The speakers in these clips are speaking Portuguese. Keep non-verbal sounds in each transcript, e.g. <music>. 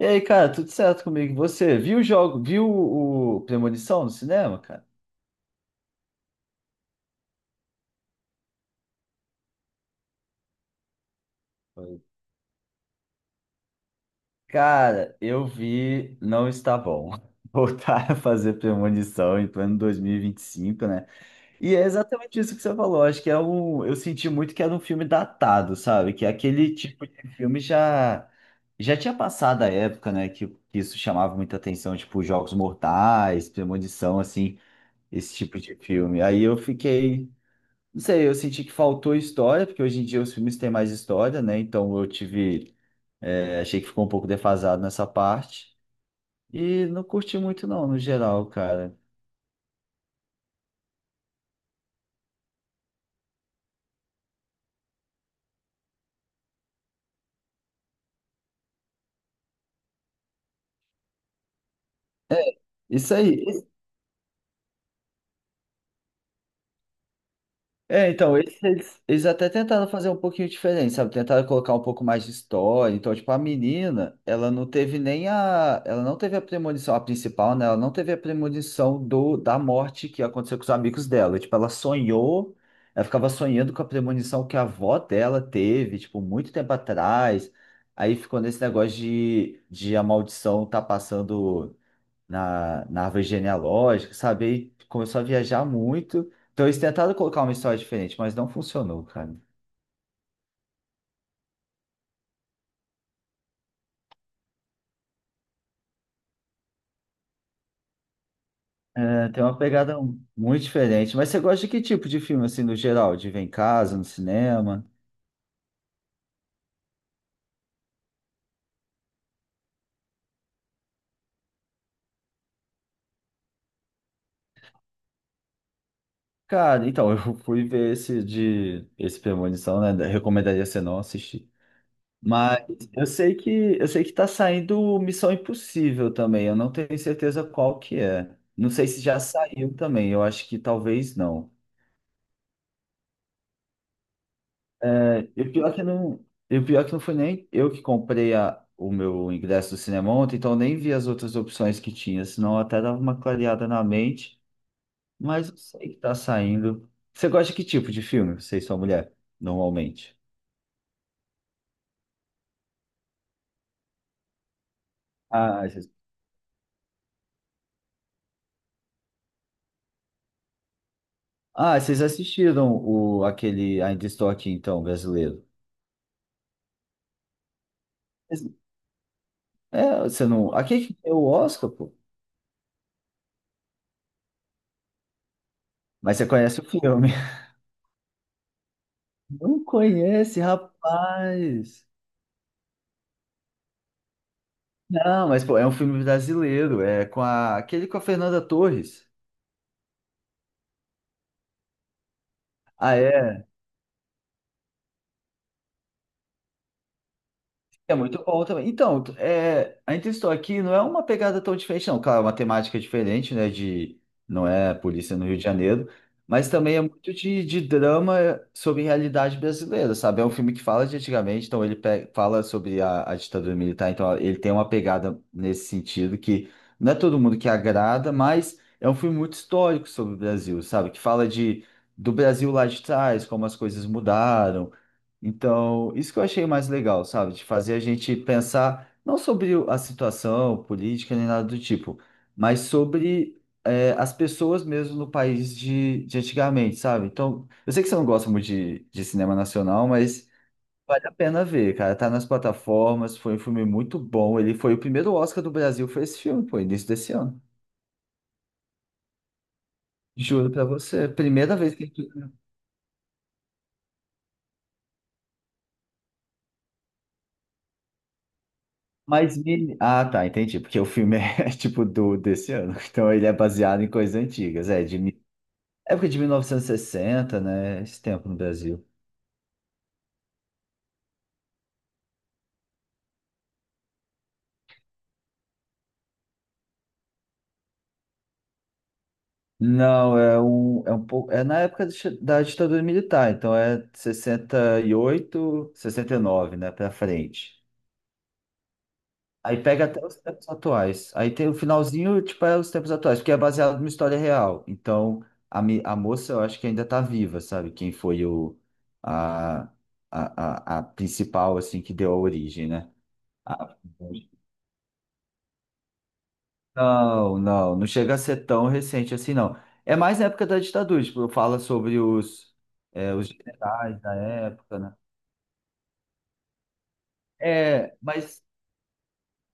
E aí, cara, tudo certo comigo? E você viu o jogo, viu o Premonição no cinema, cara? Foi. Cara, eu vi, não está bom. <laughs> Voltar a fazer premonição em plano 2025, né? E é exatamente isso que você falou. Acho que é um. Eu senti muito que era um filme datado, sabe? Que é aquele tipo de filme já tinha passado a época, né? Que isso chamava muita atenção, tipo Jogos Mortais, Premonição, assim, esse tipo de filme. Aí eu fiquei. Não sei, eu senti que faltou história, porque hoje em dia os filmes têm mais história, né? Então eu tive, achei que ficou um pouco defasado nessa parte. E não curti muito não, no geral, cara. É. Isso aí. É, então, eles até tentaram fazer um pouquinho diferente, sabe? Tentaram colocar um pouco mais de história. Então, tipo, a menina, ela não teve nem a. Ela não teve a premonição, a principal, né? Ela não teve a premonição da morte que aconteceu com os amigos dela. Tipo, ela sonhou, ela ficava sonhando com a premonição que a avó dela teve, tipo, muito tempo atrás. Aí ficou nesse negócio de a maldição tá passando na árvore genealógica, sabe? Aí começou a viajar muito. Então eles tentaram colocar uma história diferente, mas não funcionou, cara. É, tem uma pegada muito diferente. Mas você gosta de que tipo de filme, assim, no geral? De ver em casa, no cinema? Cara, então, <laughs> eu fui ver esse Premonição, né? Recomendaria você não assistir. Mas eu sei que tá saindo Missão Impossível também. Eu não tenho certeza qual que é. Não sei se já saiu também. Eu acho que talvez não. É, e o pior é que não foi nem eu que comprei o meu ingresso do cinema ontem, então eu nem vi as outras opções que tinha, senão até dava uma clareada na mente, mas eu sei que tá saindo. Você gosta de que tipo de filme, você e sua mulher, normalmente? Ah, vocês, ah, vocês assistiram aquele Ainda Estou Aqui, então, brasileiro. Mas... é, você não. Aqui que é o Oscar, pô. Mas você conhece o filme. <laughs> Não conhece, rapaz. Não, mas pô, é um filme brasileiro, é com a... aquele com a Fernanda Torres. Ah, é. É muito bom também. Então, é, a Interstou Aqui não é uma pegada tão diferente, não. Claro, é uma temática diferente, né? De, não é polícia no Rio de Janeiro, mas também é muito de drama sobre realidade brasileira, sabe? É um filme que fala de antigamente, então fala sobre a ditadura militar, então ele tem uma pegada nesse sentido que não é todo mundo que agrada, mas é um filme muito histórico sobre o Brasil, sabe? Que fala de, do Brasil lá de trás, como as coisas mudaram então, isso que eu achei mais legal, sabe? De fazer a gente pensar não sobre a situação política nem nada do tipo, mas sobre as pessoas mesmo no país de antigamente, sabe? Então, eu sei que você não gosta muito de cinema nacional, mas vale a pena ver, cara. Tá nas plataformas, foi um filme muito bom. Ele foi o primeiro Oscar do Brasil, foi esse filme, pô, início desse ano. Juro pra você, primeira vez que... mas meni- ah, tá, entendi. Porque o filme é <laughs> tipo do desse ano. Então ele é baseado em coisas antigas. É, de mi- época de 1960, né? Esse tempo no Brasil. Não, é um pouco. É na época do da ditadura militar, então é 68, 69, né? Pra frente. Aí pega até os tempos atuais. Aí tem o finalzinho, tipo, é os tempos atuais, porque é baseado numa história real. Então, a moça, eu acho que ainda tá viva, sabe? Quem foi o, a, a, a principal, assim, que deu a origem, né? A- não, não chega a ser tão recente assim, não. É mais na época da ditadura, tipo, fala sobre os, é, os generais da época, né? É, mas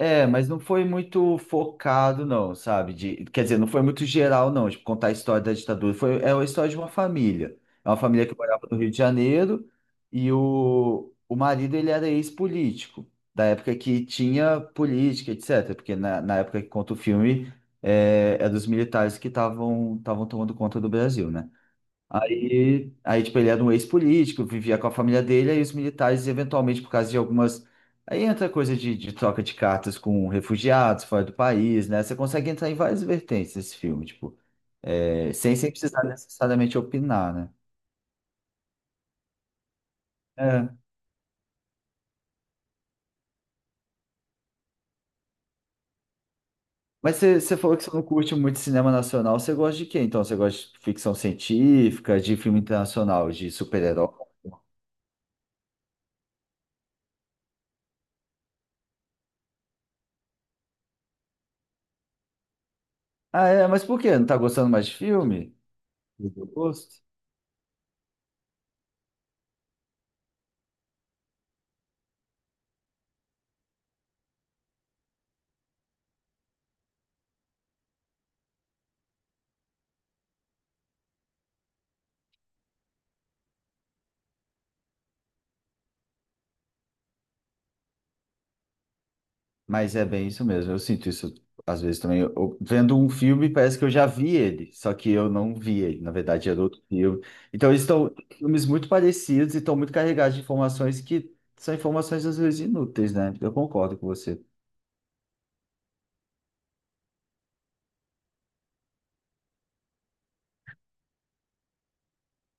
é, mas não foi muito focado, não, sabe? De, quer dizer, não foi muito geral, não, tipo, contar a história da ditadura. Foi, é a história de uma família. É uma família que morava no Rio de Janeiro e o marido, ele era ex-político, da época que tinha política, etc. Porque na época que conta o filme, é dos militares que estavam tomando conta do Brasil, né? Tipo, ele era um ex-político, vivia com a família dele, aí os militares, eventualmente, por causa de algumas. Aí entra coisa de troca de cartas com refugiados fora do país, né? Você consegue entrar em várias vertentes nesse filme, tipo, é, sem precisar necessariamente opinar, né? É. Mas você falou que você não curte muito cinema nacional, você gosta de quê? Então, você gosta de ficção científica, de filme internacional, de super-herói? Ah, é, mas por quê? Não tá gostando mais de filme? Do gosto? Mas é bem isso mesmo. Eu sinto isso às vezes também. Vendo um filme, parece que eu já vi ele, só que eu não vi ele. Na verdade, era outro filme. Então, eles estão filmes muito parecidos e estão muito carregados de informações que são informações às vezes inúteis, né? Eu concordo com você.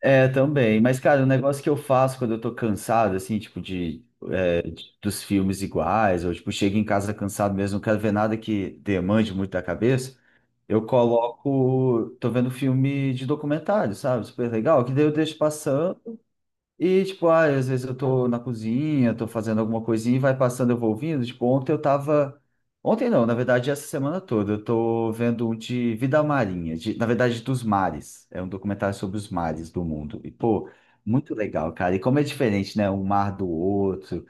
É, também. Mas, cara, o negócio que eu faço quando eu tô cansado, assim, tipo, de, dos filmes iguais, ou tipo, chego em casa cansado mesmo, não quero ver nada que demande muito da cabeça, eu coloco. Tô vendo filme de documentário, sabe? Super legal, que daí eu deixo passando. E, tipo, ah, às vezes eu tô na cozinha, tô fazendo alguma coisinha e vai passando, eu vou ouvindo. Tipo, ontem eu tava. Ontem não, na verdade, essa semana toda, eu tô vendo um de vida marinha, na verdade, dos mares. É um documentário sobre os mares do mundo. E, pô, muito legal, cara. E como é diferente, né? Um mar do outro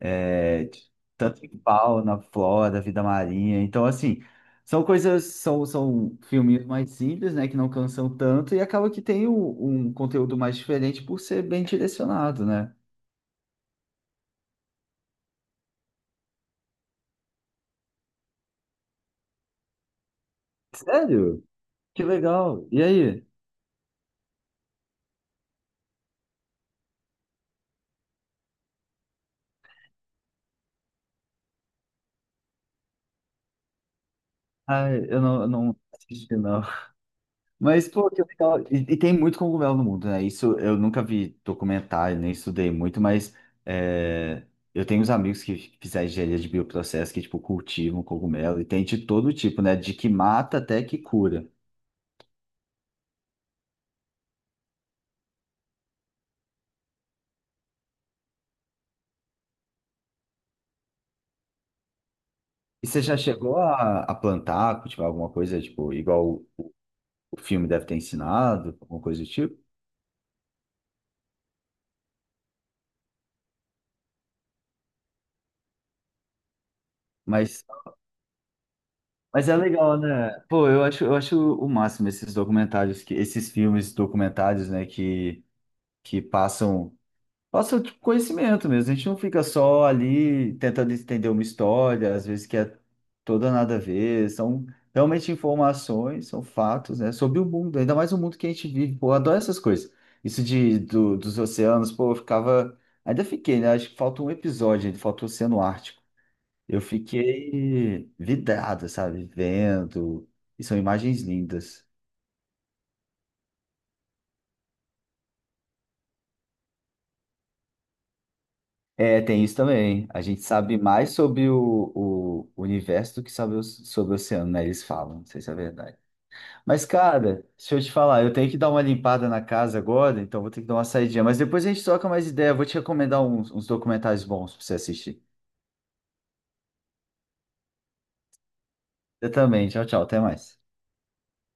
é, tanto em fauna, flora, vida marinha. Então, assim, são filminhos mais simples, né, que não cansam tanto e acaba que tem um conteúdo mais diferente por ser bem direcionado, né? Sério? Que legal. E aí? Ah, eu não assisti, não. Mas, pô, que legal. E tem muito cogumelo no mundo, né? Isso eu nunca vi documentário, nem estudei muito, mas é, eu tenho uns amigos que fizeram engenharia de bioprocesso que, tipo, cultivam cogumelo e tem de todo tipo, né? De que mata até que cura. E você já chegou a plantar, cultivar alguma coisa, tipo, igual o filme deve ter ensinado, alguma coisa do tipo? Mas, mas é legal, né? Pô, eu acho o máximo esses documentários, que, esses filmes documentários, né, que passam. Passa, tipo, conhecimento mesmo. A gente não fica só ali tentando entender uma história, às vezes que é toda nada a ver. São realmente informações, são fatos, né? Sobre o mundo, ainda mais o mundo que a gente vive. Pô, eu adoro essas coisas. Isso de, dos oceanos, pô, eu ficava. Ainda fiquei, né? Acho que falta um episódio, ainda falta o Oceano Ártico. Eu fiquei vidrado, sabe? Vendo. E são imagens lindas. É, tem isso também. A gente sabe mais sobre o universo do que sabe sobre o oceano, né? Eles falam, não sei se é verdade. Mas, cara, deixa eu te falar, eu tenho que dar uma limpada na casa agora, então vou ter que dar uma saidinha. Mas depois a gente troca mais ideia. Vou te recomendar uns documentários bons pra você assistir. Eu também. Tchau, tchau. Até mais.